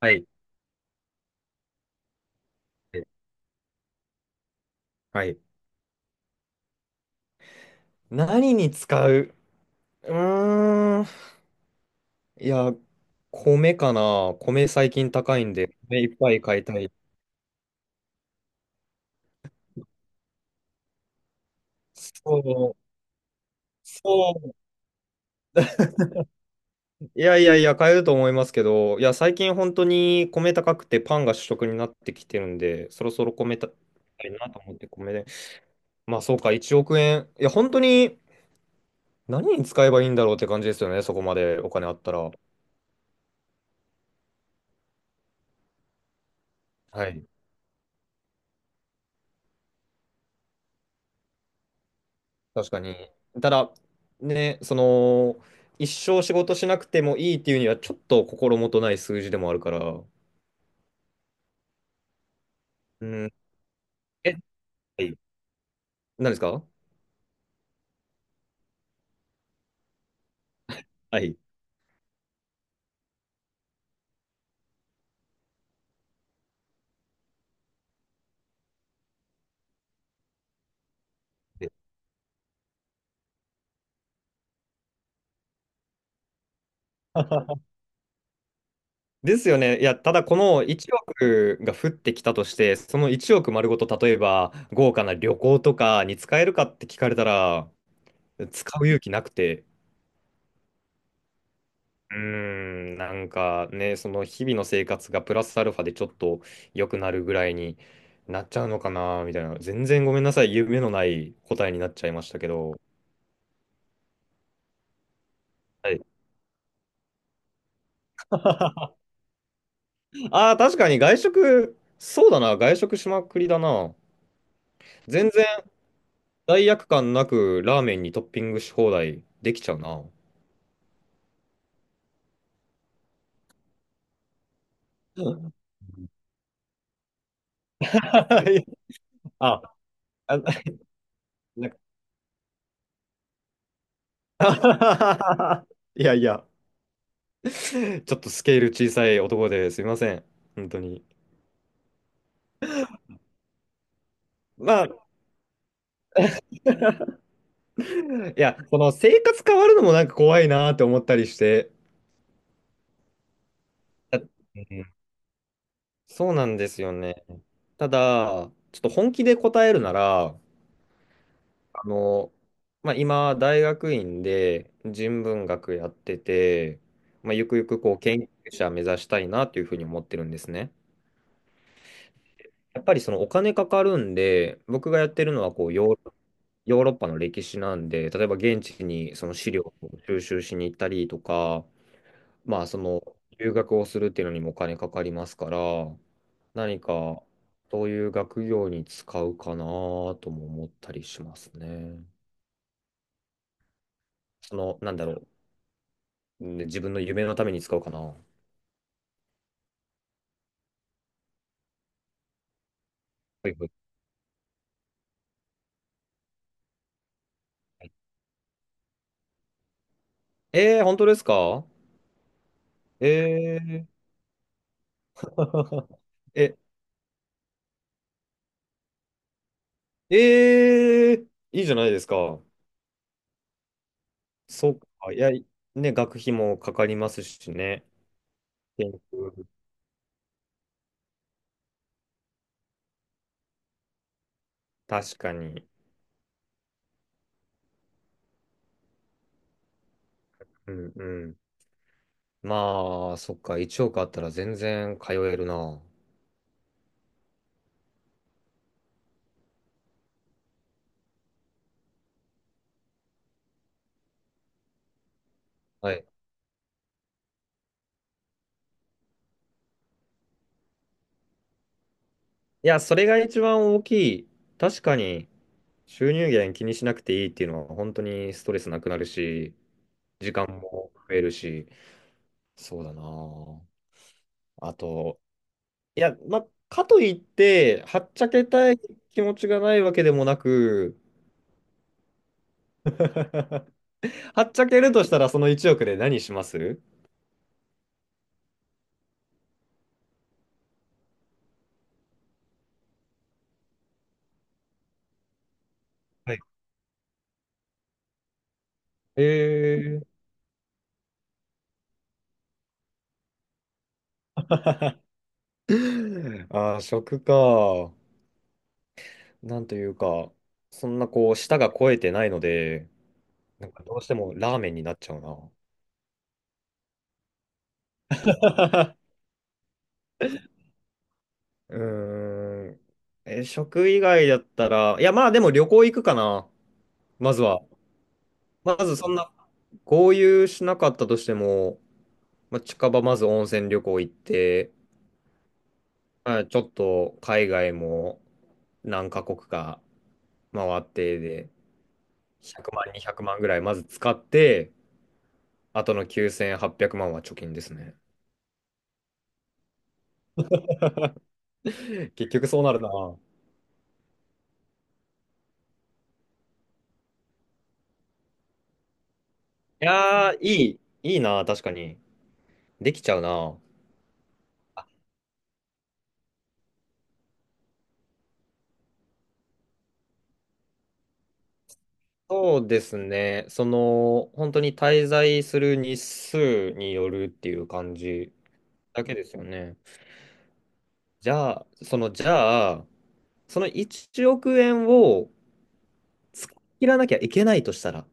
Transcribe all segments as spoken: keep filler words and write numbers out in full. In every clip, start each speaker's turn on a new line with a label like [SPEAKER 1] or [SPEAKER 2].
[SPEAKER 1] はい。はい。何に使う？うーん。いや、米かな。米最近高いんで、米いっぱい買いたい。そう。そう。いやいやいや、買えると思いますけど、いや、最近本当に米高くてパンが主食になってきてるんで、そろそろ米た、いなと思って米で。まあそうか、いちおく円。いや、本当に何に使えばいいんだろうって感じですよね、そこまでお金あったら。はい。確かに。ただ、ね、その、一生仕事しなくてもいいっていうには、ちょっと心もとない数字でもあるから、うん、え、はい、何ですか？はい。で ですよね。いや、ただこのいちおくが降ってきたとして、そのいちおく丸ごと、例えば豪華な旅行とかに使えるかって聞かれたら、使う勇気なくて、うーん、なんかね、その日々の生活がプラスアルファでちょっと良くなるぐらいになっちゃうのかな、みたいな。全然ごめんなさい、夢のない答えになっちゃいましたけど。はい、ああ、確かに外食、そうだな、外食しまくりだな。全然罪悪感なくラーメンにトッピングし放題できちゃうな。うん あ、あ、なんか いやいや、ちょっとスケール小さい男ですいません、本当に。まあいや、この生活変わるのもなんか怖いなーって思ったりして。あ、うん、そうなんですよね。ただ、ちょっと本気で答えるなら、あの、まあ、今、大学院で人文学やってて、まあ、ゆくゆくこう研究者目指したいなというふうに思ってるんですね。やっぱりそのお金かかるんで、僕がやってるのはこうヨーロ、ヨーロッパの歴史なんで、例えば現地にその資料を収集しに行ったりとか、まあ、その、留学をするっていうのにもお金かかりますから、何か、そういう学業に使うかなとも思ったりしますね。その、なんだろう、ね自分の夢のために使うかな。はいはいはい、えー、本当ですか？えー、え、えー、いいじゃないですか。そうか。いや、ね、学費もかかりますしね。研究、確かに。うんうん。まあ、そっか、いちおくあったら全然通えるな。はい。いや、それが一番大きい。確かに、収入源気にしなくていいっていうのは、本当にストレスなくなるし、時間も増えるし、そうだな。あと、いや、まあ、かといって、はっちゃけたい気持ちがないわけでもなく、はっちゃけるとしたら、そのいちおくで何します？はい。えー、ああ、食か。なんというか、そんなこう、舌が肥えてないので、なんかどうしてもラーメンになっちゃうな。うーん。え、食以外だったら、いや、まあでも旅行行くかな。まずは。まずそんな、合流しなかったとしても、まあ、近場まず温泉旅行行って、まあ、ちょっと海外も何カ国か回ってで、ひゃくまん、にひゃくまんぐらいまず使って、あとのきゅうせんはっぴゃくまんはっぴゃくまんは貯金ですね。結局そうなるな。いやー、いい、いいな、確かに。できちゃうな。そうですね。その、本当に滞在する日数によるっていう感じだけですよね。じゃあ、その、じゃあ、そのいちおく円を使い切らなきゃいけないとしたら、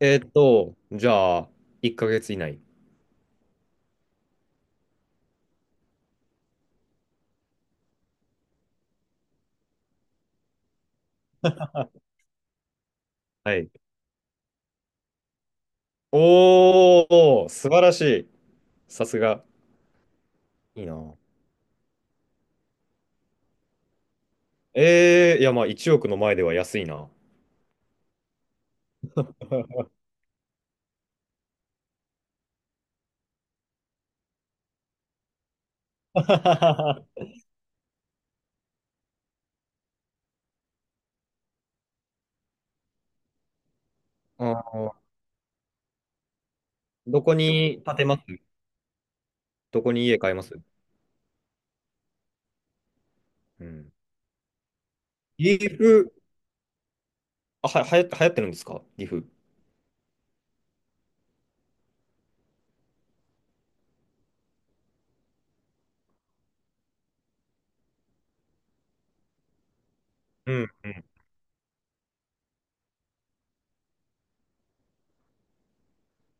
[SPEAKER 1] えーっと、じゃあ、いっかげつ以内。はい。おー、素晴らしい。さすが。いいな。えー、いや、まあ、いちおくの前では安いな。あー、どこに、建てどこに家買います？うん。岐阜、あ、は、はや、流行ってるんですか岐阜？うんうん。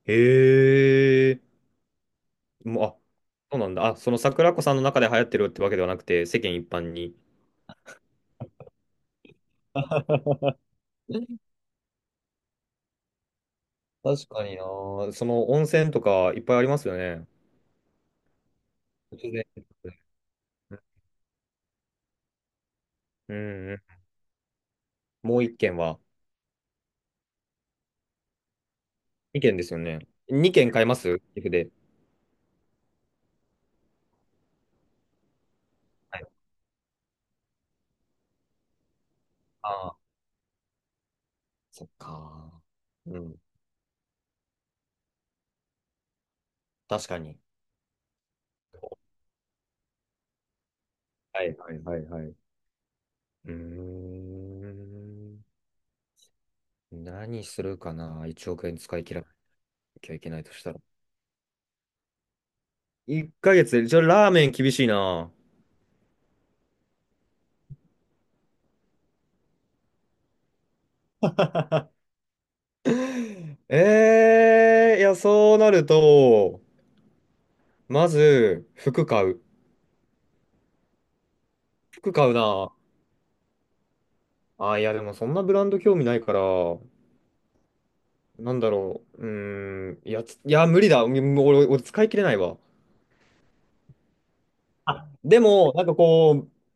[SPEAKER 1] へえ。もう、あ、そうなんだ。あ、その桜子さんの中で流行ってるってわけではなくて、世間一般に。確かにな。その温泉とかいっぱいありますよね。突然。うんうん。もう一軒は。二軒ですよね。二軒買います岐阜で？はい。ああ、そっか。うん。確かに。はいはいはいはい。うーん。何するかな？ いち 億円使い切らなきゃいけないとしたら。いっかげつで、じゃあラーメン厳しいな。ええー、いや、そうなると、まず、服買う。服買うな。あ、いや、でもそんなブランド興味ないから、なんだろう。うーん、いや、ついや、無理だ。うん、俺、俺使い切れないわ。でも、なんかこう、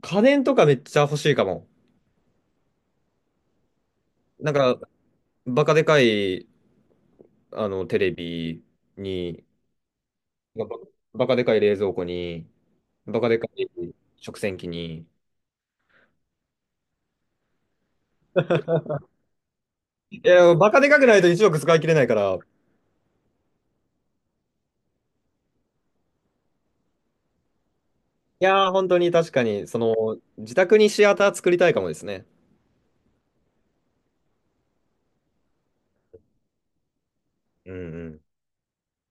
[SPEAKER 1] 家電とかめっちゃ欲しいかも。なんか、バカでかい、あの、テレビに、バカバカでかい冷蔵庫に、バカでかい食洗機に。いや、バカでかくないといちおく使い切れないから、いやー、本当に確かに、その、自宅にシアター作りたいかもですね。うんうん。